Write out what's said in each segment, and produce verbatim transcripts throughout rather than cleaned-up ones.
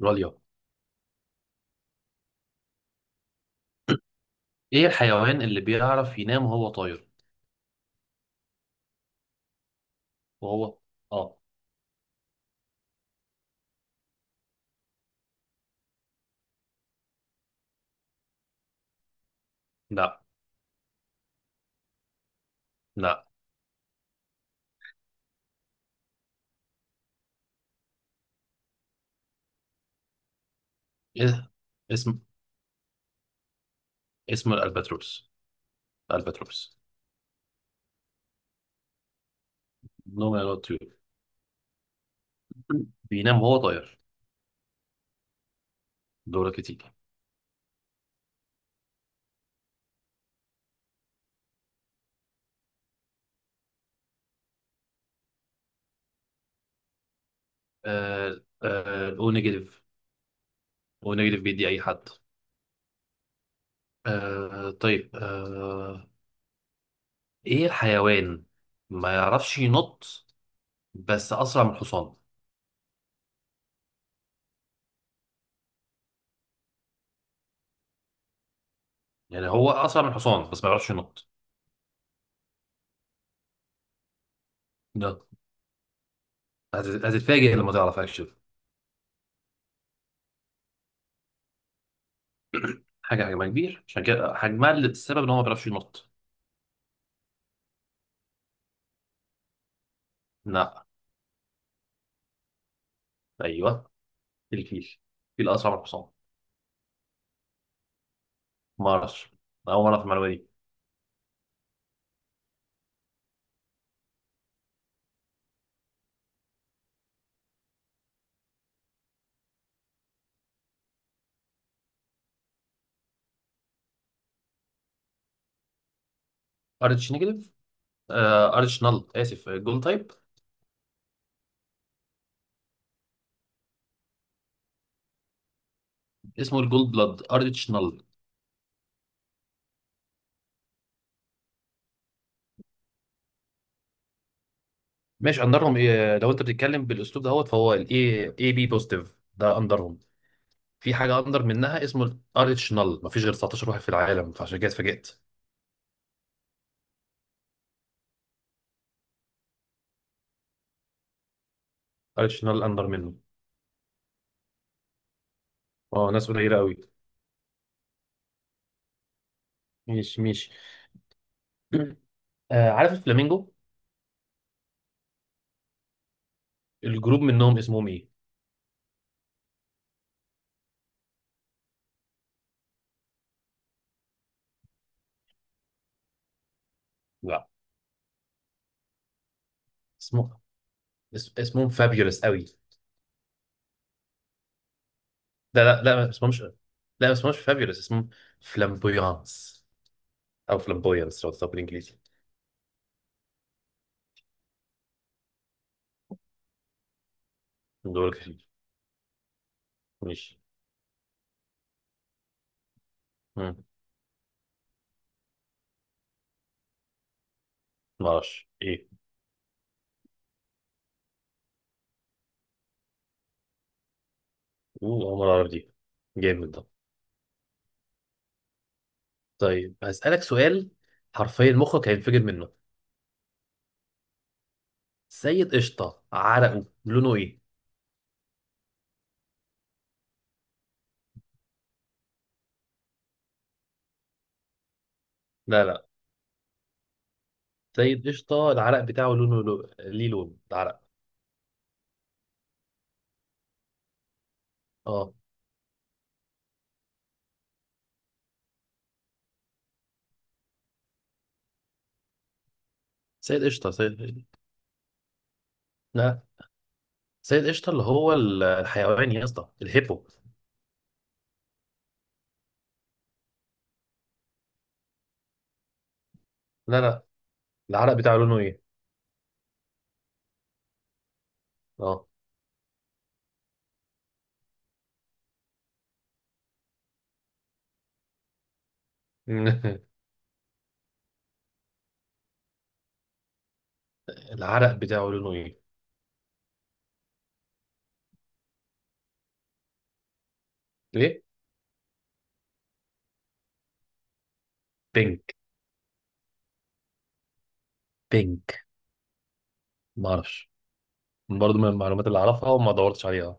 راليا. ايه الحيوان اللي بيعرف ينام وهو طاير؟ وهو اه لا لا. إيه؟ اسم اسم الالباتروس. الالباتروس نوم يا طيور. بينام وهو طاير. دورك تيجي. آه آه او نيجاتيف. او نيجاتيف بيدي اي حد. آه طيب آه، ايه الحيوان ما يعرفش ينط بس اسرع من الحصان؟ يعني هو اسرع من الحصان بس ما يعرفش ينط. ده هت- هتتفاجئ لما تعرف اكشن. حاجة حجمها كبير، عشان كده حجمها اللي السبب ان هو ما بيعرفش ينط. لا. ايوه، الفيل. الفيل اسرع من الحصان. ما اعرفش، اول مرة في المعلومة دي. ارتش نيجاتيف. آه ارتش نل، اسف جول تايب. اسمه الجول بلاد ارتش نل. ماشي، اندرهم إيه؟ لو انت بتتكلم بالاسلوب دهوت فهو الاي اي بي بوزيتيف ده اندرهم. في حاجة اندر منها اسمه الارتش نل، مفيش غير تسعتاشر واحد في العالم، فعشان كده اتفاجئت. ارتش نل اندر منه. اه ناس قليلة قوي. ماشي ماشي. آه عارف الفلامينجو؟ الجروب منهم اسمهم ايه؟ لا، اسمه اس- اسمهم فابيولس قوي. لا لا لا، ما اسمهمش. لا ما اسمهمش فابيولس، اسمهم فلامبويانس. او فلامبويانس لو تطلع بالانجليزي. دول كتير. ماشي. مم. ما اعرفش ايه. اوه، أول مرة اعرف دي. جامد ده. طيب هسألك سؤال حرفيا مخك هينفجر منه. سيد قشطة عرقه لونه ايه؟ لا لا. سيد قشطة، العرق بتاعه لونه لو... ليه لون العرق. اه. سيد قشطة سيد. لا، سيد قشطة اللي هو الحيوان يا اسطى، الهيبو. لا لا. العرق بتاعه لونه ايه؟ اه. العرق بتاعه لونه ايه؟ ليه؟ بينك. بينك. ما اعرفش، برضه من المعلومات اللي اعرفها وما دورتش عليها.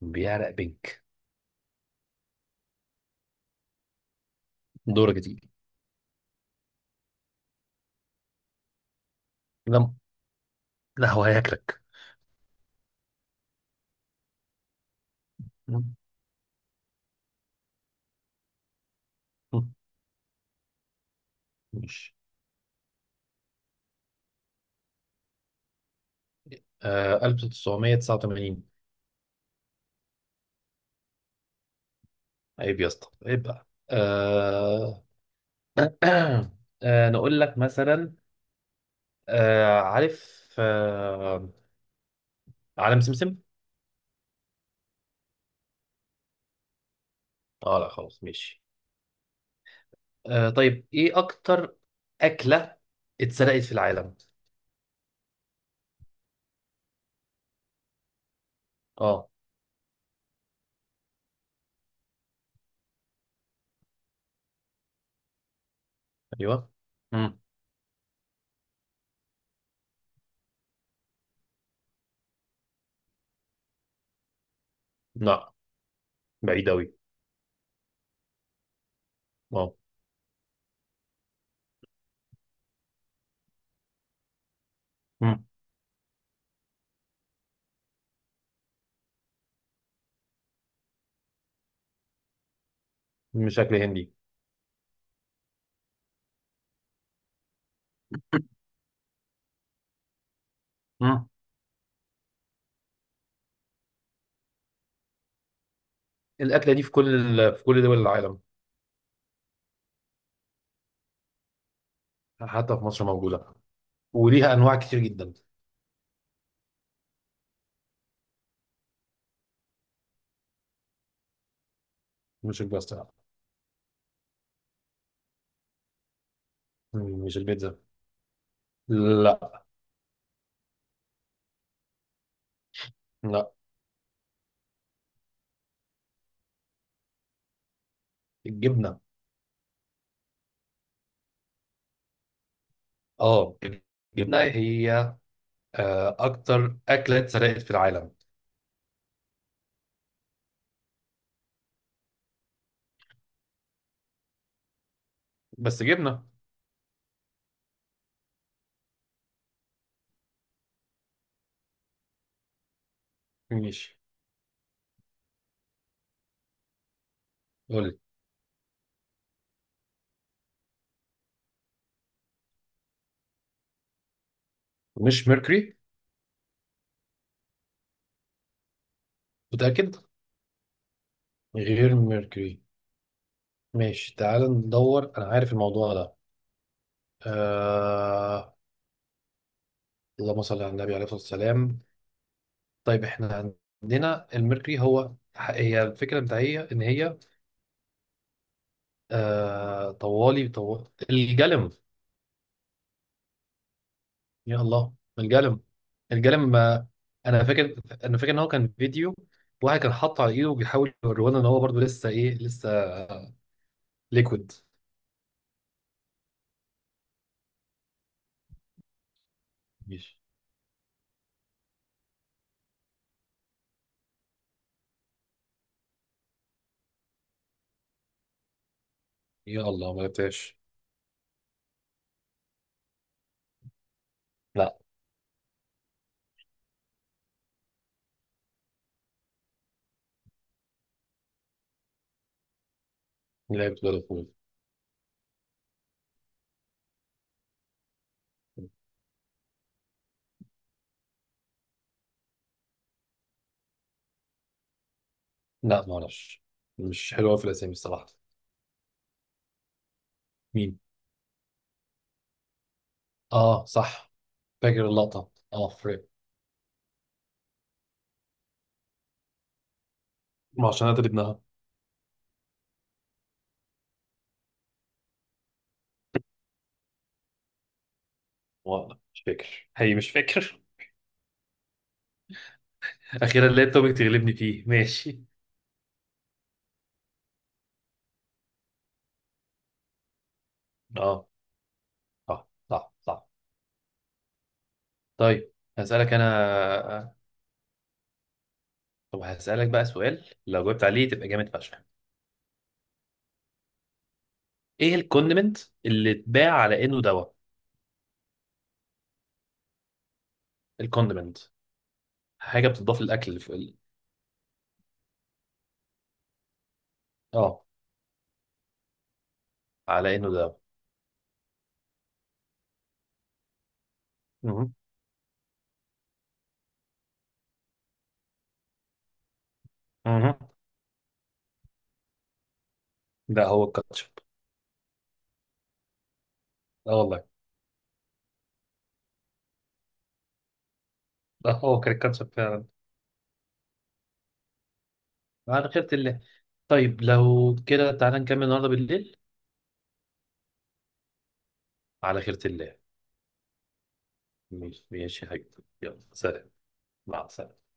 بيعرق بينك. دورك دي. لا، لا هو هياكلك. ماشي. آه، ألف وتسعمية وتسعة وتمانين. عيب يا اسطى، عيب بقى آه... آه نقول لك مثلا، آه عارف آه عالم سمسم؟ اه لا خلاص ماشي. آه طيب، ايه اكتر اكله اتسرقت في العالم؟ اه. ايوه. امم. لا بعيد قوي. اه. امم. مش اكل هندي. امم. الاكله دي في كل ال... في كل دول العالم، حتى في مصر موجوده، وليها انواع كتير جدا. مش الباستا. مم، مش البيتزا. لا لا. الجبنه. اه، الجبنه هي آه اكتر اكله اتسرقت في العالم. بس جبنه. ماشي قول لي. مش ميركوري؟ متاكد؟ غير ميركوري. ماشي تعال ندور، انا عارف الموضوع ده آه... اللهم صل على النبي عليه الصلاه والسلام. طيب احنا عندنا الميركوري هو، هي الفكره بتاعتي ان هي آه... طوالي طو... الجلم. يا الله الجلم. الجلم آه، انا فاكر انا فاكر ان هو كان فيديو، واحد كان حاطه على ايده وبيحاول يوريهولنا ان هو برضه لسه ايه، لسه ليكويد. ماشي. يا الله ما لعبتهاش. لا لعبت بلد. لا ما اعرفش، مش حلوه في الاسامي الصراحه. مين؟ اه صح. فاكر اللقطة اه فريم، عشان انا ابنها. والله مش فاكر، هي مش فاكر. اخيرا لقيت توبيك تغلبني فيه. ماشي. اه صح صح صح. طيب هسألك انا طب هسألك بقى سؤال لو جاوبت عليه تبقى جامد فشخ. ايه الكوندمنت اللي اتباع على انه دواء؟ الكوندمنت حاجة بتضاف للاكل في ال... اه على انه دواء. مهم. مهم. ده هو الكاتشب. اه والله. ده هو كان الكاتشب فعلا. على خيرة الله. طيب لو كده تعالى نكمل النهارده بالليل. على خيرة الله. ماشي ماشي يا حبيبي، يلا سلام. مع السلامة.